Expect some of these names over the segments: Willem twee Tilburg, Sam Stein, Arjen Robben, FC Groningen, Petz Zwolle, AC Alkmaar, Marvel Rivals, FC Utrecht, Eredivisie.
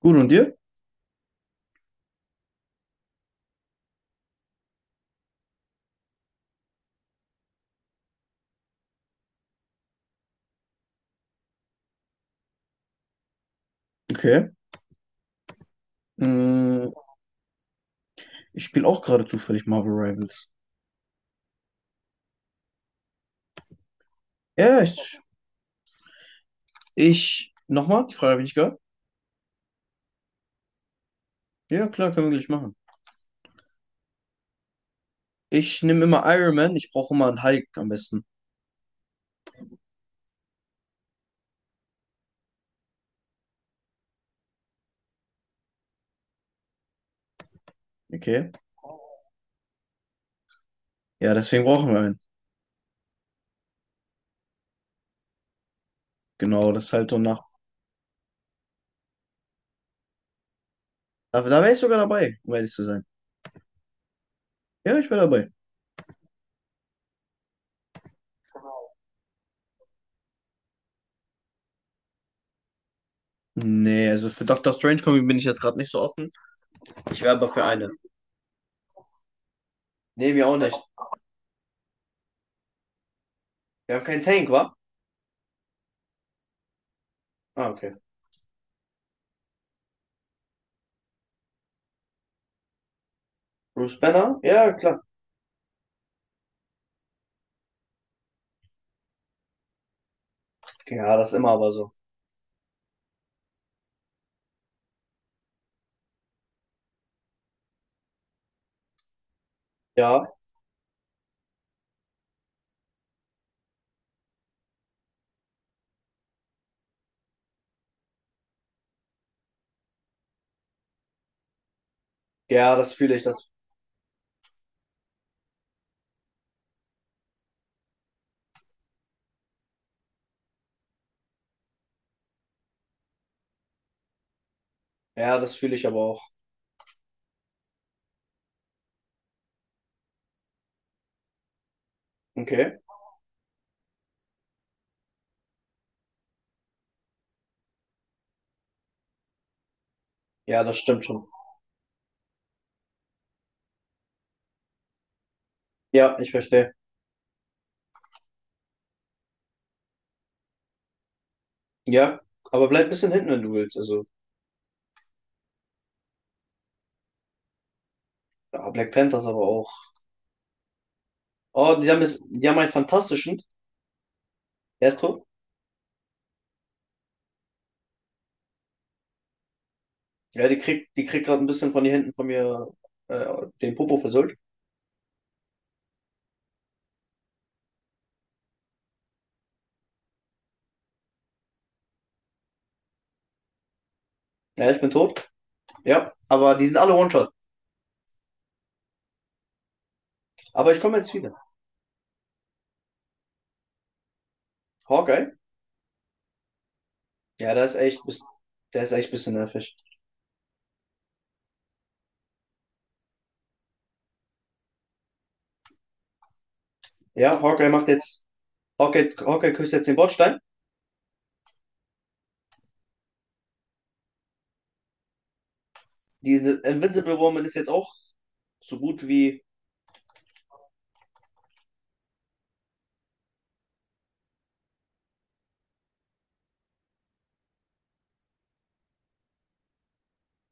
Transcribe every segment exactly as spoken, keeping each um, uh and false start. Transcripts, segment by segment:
Gut, und dir? Okay. Mm, Ich spiele auch gerade zufällig Marvel Rivals. Ja, ich, ich nochmal, die Frage habe ich nicht gehört. Ja, klar, können wir gleich machen. Ich nehme immer Iron Man, ich brauche immer einen Hulk am besten. Okay. Ja, deswegen brauchen wir einen. Genau, das ist halt so nach. Da, da wäre ich sogar dabei, um ehrlich zu sein. Ja, ich wäre dabei. Nee, also für Doctor Strange Comic bin ich jetzt gerade nicht so offen. Ich wäre aber für eine. Nee, wir auch nicht. Wir haben keinen Tank, wa? Ah, okay. Bruce Banner? Ja, klar. Ja, das ist immer aber so. Ja, ja, das fühle ich, das. Ja, das fühle ich aber auch. Okay. Ja, das stimmt schon. Ja, ich verstehe. Ja, aber bleib ein bisschen hinten, wenn du willst. Also, ja, Black Panthers aber auch. Oh, die haben, es, die haben einen fantastischen. Er ist tot. Ja, die kriegt, die kriegt gerade ein bisschen von den Händen von mir äh, den Popo versöhnt. Ja, ich bin tot. Ja, aber die sind alle One-Shot. Aber ich komme jetzt wieder. Hawkeye? Ja, der ist echt, bis- der ist echt ein bisschen nervig. Ja, Hawkeye macht jetzt, Hawkeye, Hawkeye küsst jetzt den Bordstein. Die Invincible Woman ist jetzt auch so gut wie,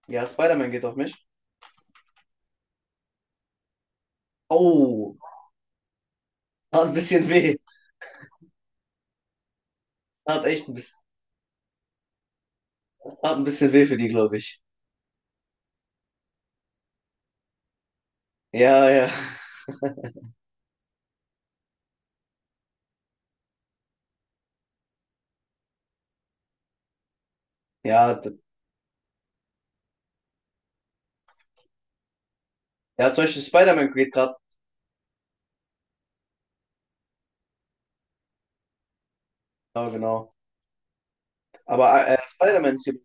ja, Spider-Man geht auf mich. Oh, hat ein bisschen weh. Hat echt ein bisschen, hat ein bisschen weh für die, glaube ich. Ja, ja. Ja, d- ja, zum Beispiel Spider-Man geht gerade. Ja, genau. Aber äh, äh, Spider-Man ist, hier.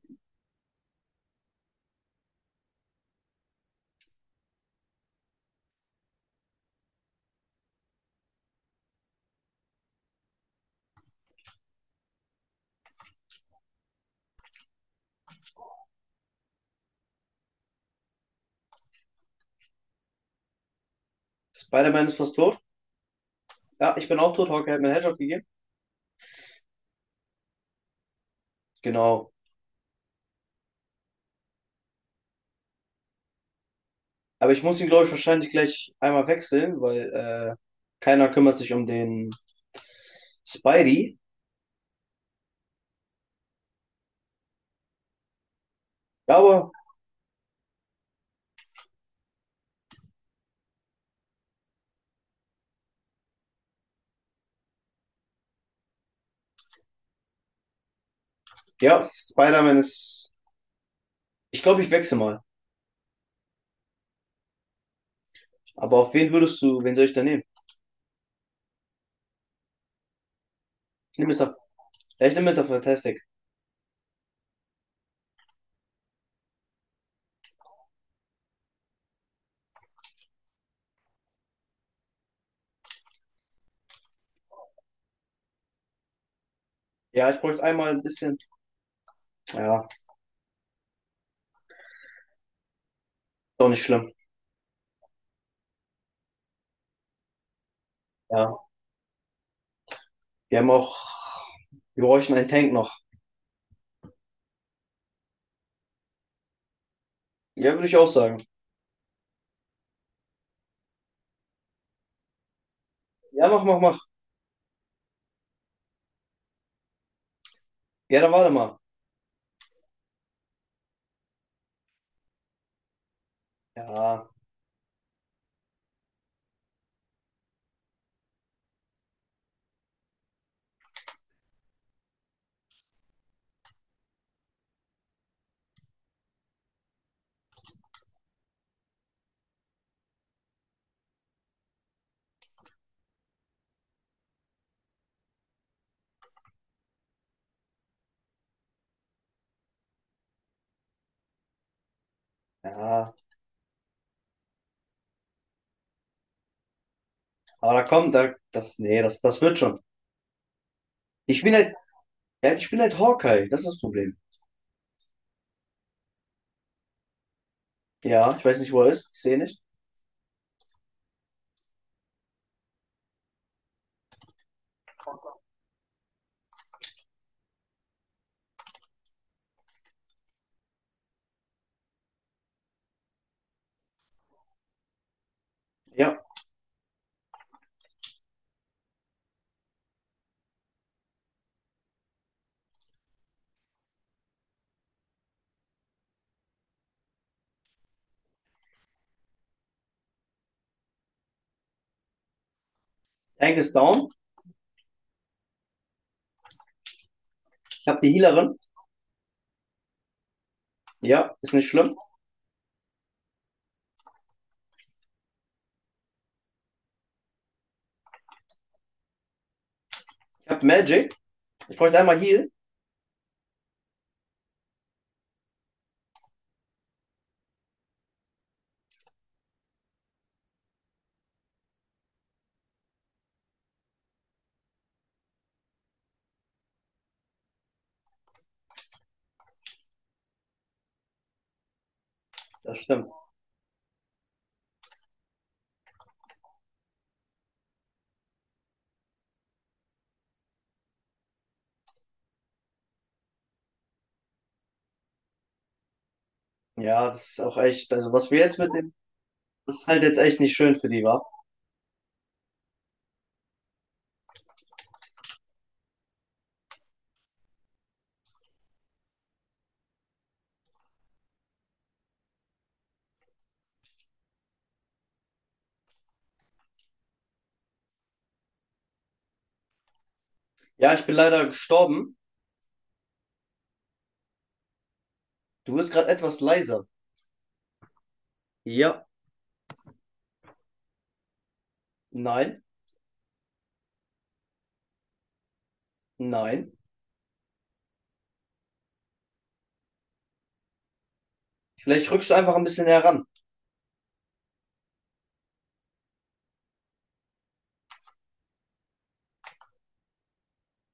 Spider-Man ist fast tot. Ja, ich bin auch tot. Hawkeye hat mir einen Headshot gegeben. Genau. Aber ich muss ihn, glaube ich, wahrscheinlich gleich einmal wechseln, weil äh, keiner kümmert sich um den Spidey. Ja, aber ja, Spider-Man ist. Ich glaube, ich wechsle mal. Aber auf wen würdest du, wen soll ich da nehmen? Ich nehme Mister F- Ja, ich nehme Mister Fantastic. Ja, ich bräuchte einmal ein bisschen. Ja, ist auch nicht schlimm. Ja. Wir haben auch. Wir bräuchten einen Tank noch. Ja, würde ich auch sagen. Ja, mach, mach, mach. Ja, dann warte mal. Ja, ja. Aber da kommt, da, das, nee, das, das wird schon. Ich bin halt, ja, ich bin halt Hawkeye. Das ist das Problem. Ja, ich weiß nicht, wo er ist. Ich sehe nicht. Ja. Tank ist down. Ich habe die Healerin. Ja, ist nicht schlimm. Ich habe Magic. Ich bräuchte einmal Heal. Das stimmt. Ja, das ist auch echt. Also, was wir jetzt mitnehmen, das ist halt jetzt echt nicht schön für die, wa? Ja, ich bin leider gestorben. Du wirst gerade etwas leiser. Ja. Nein, nein. Vielleicht rückst du einfach ein bisschen heran.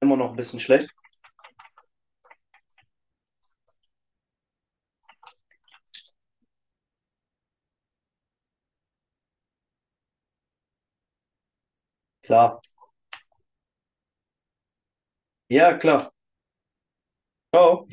Immer noch ein bisschen schlecht. Klar. Ja, klar. Ciao.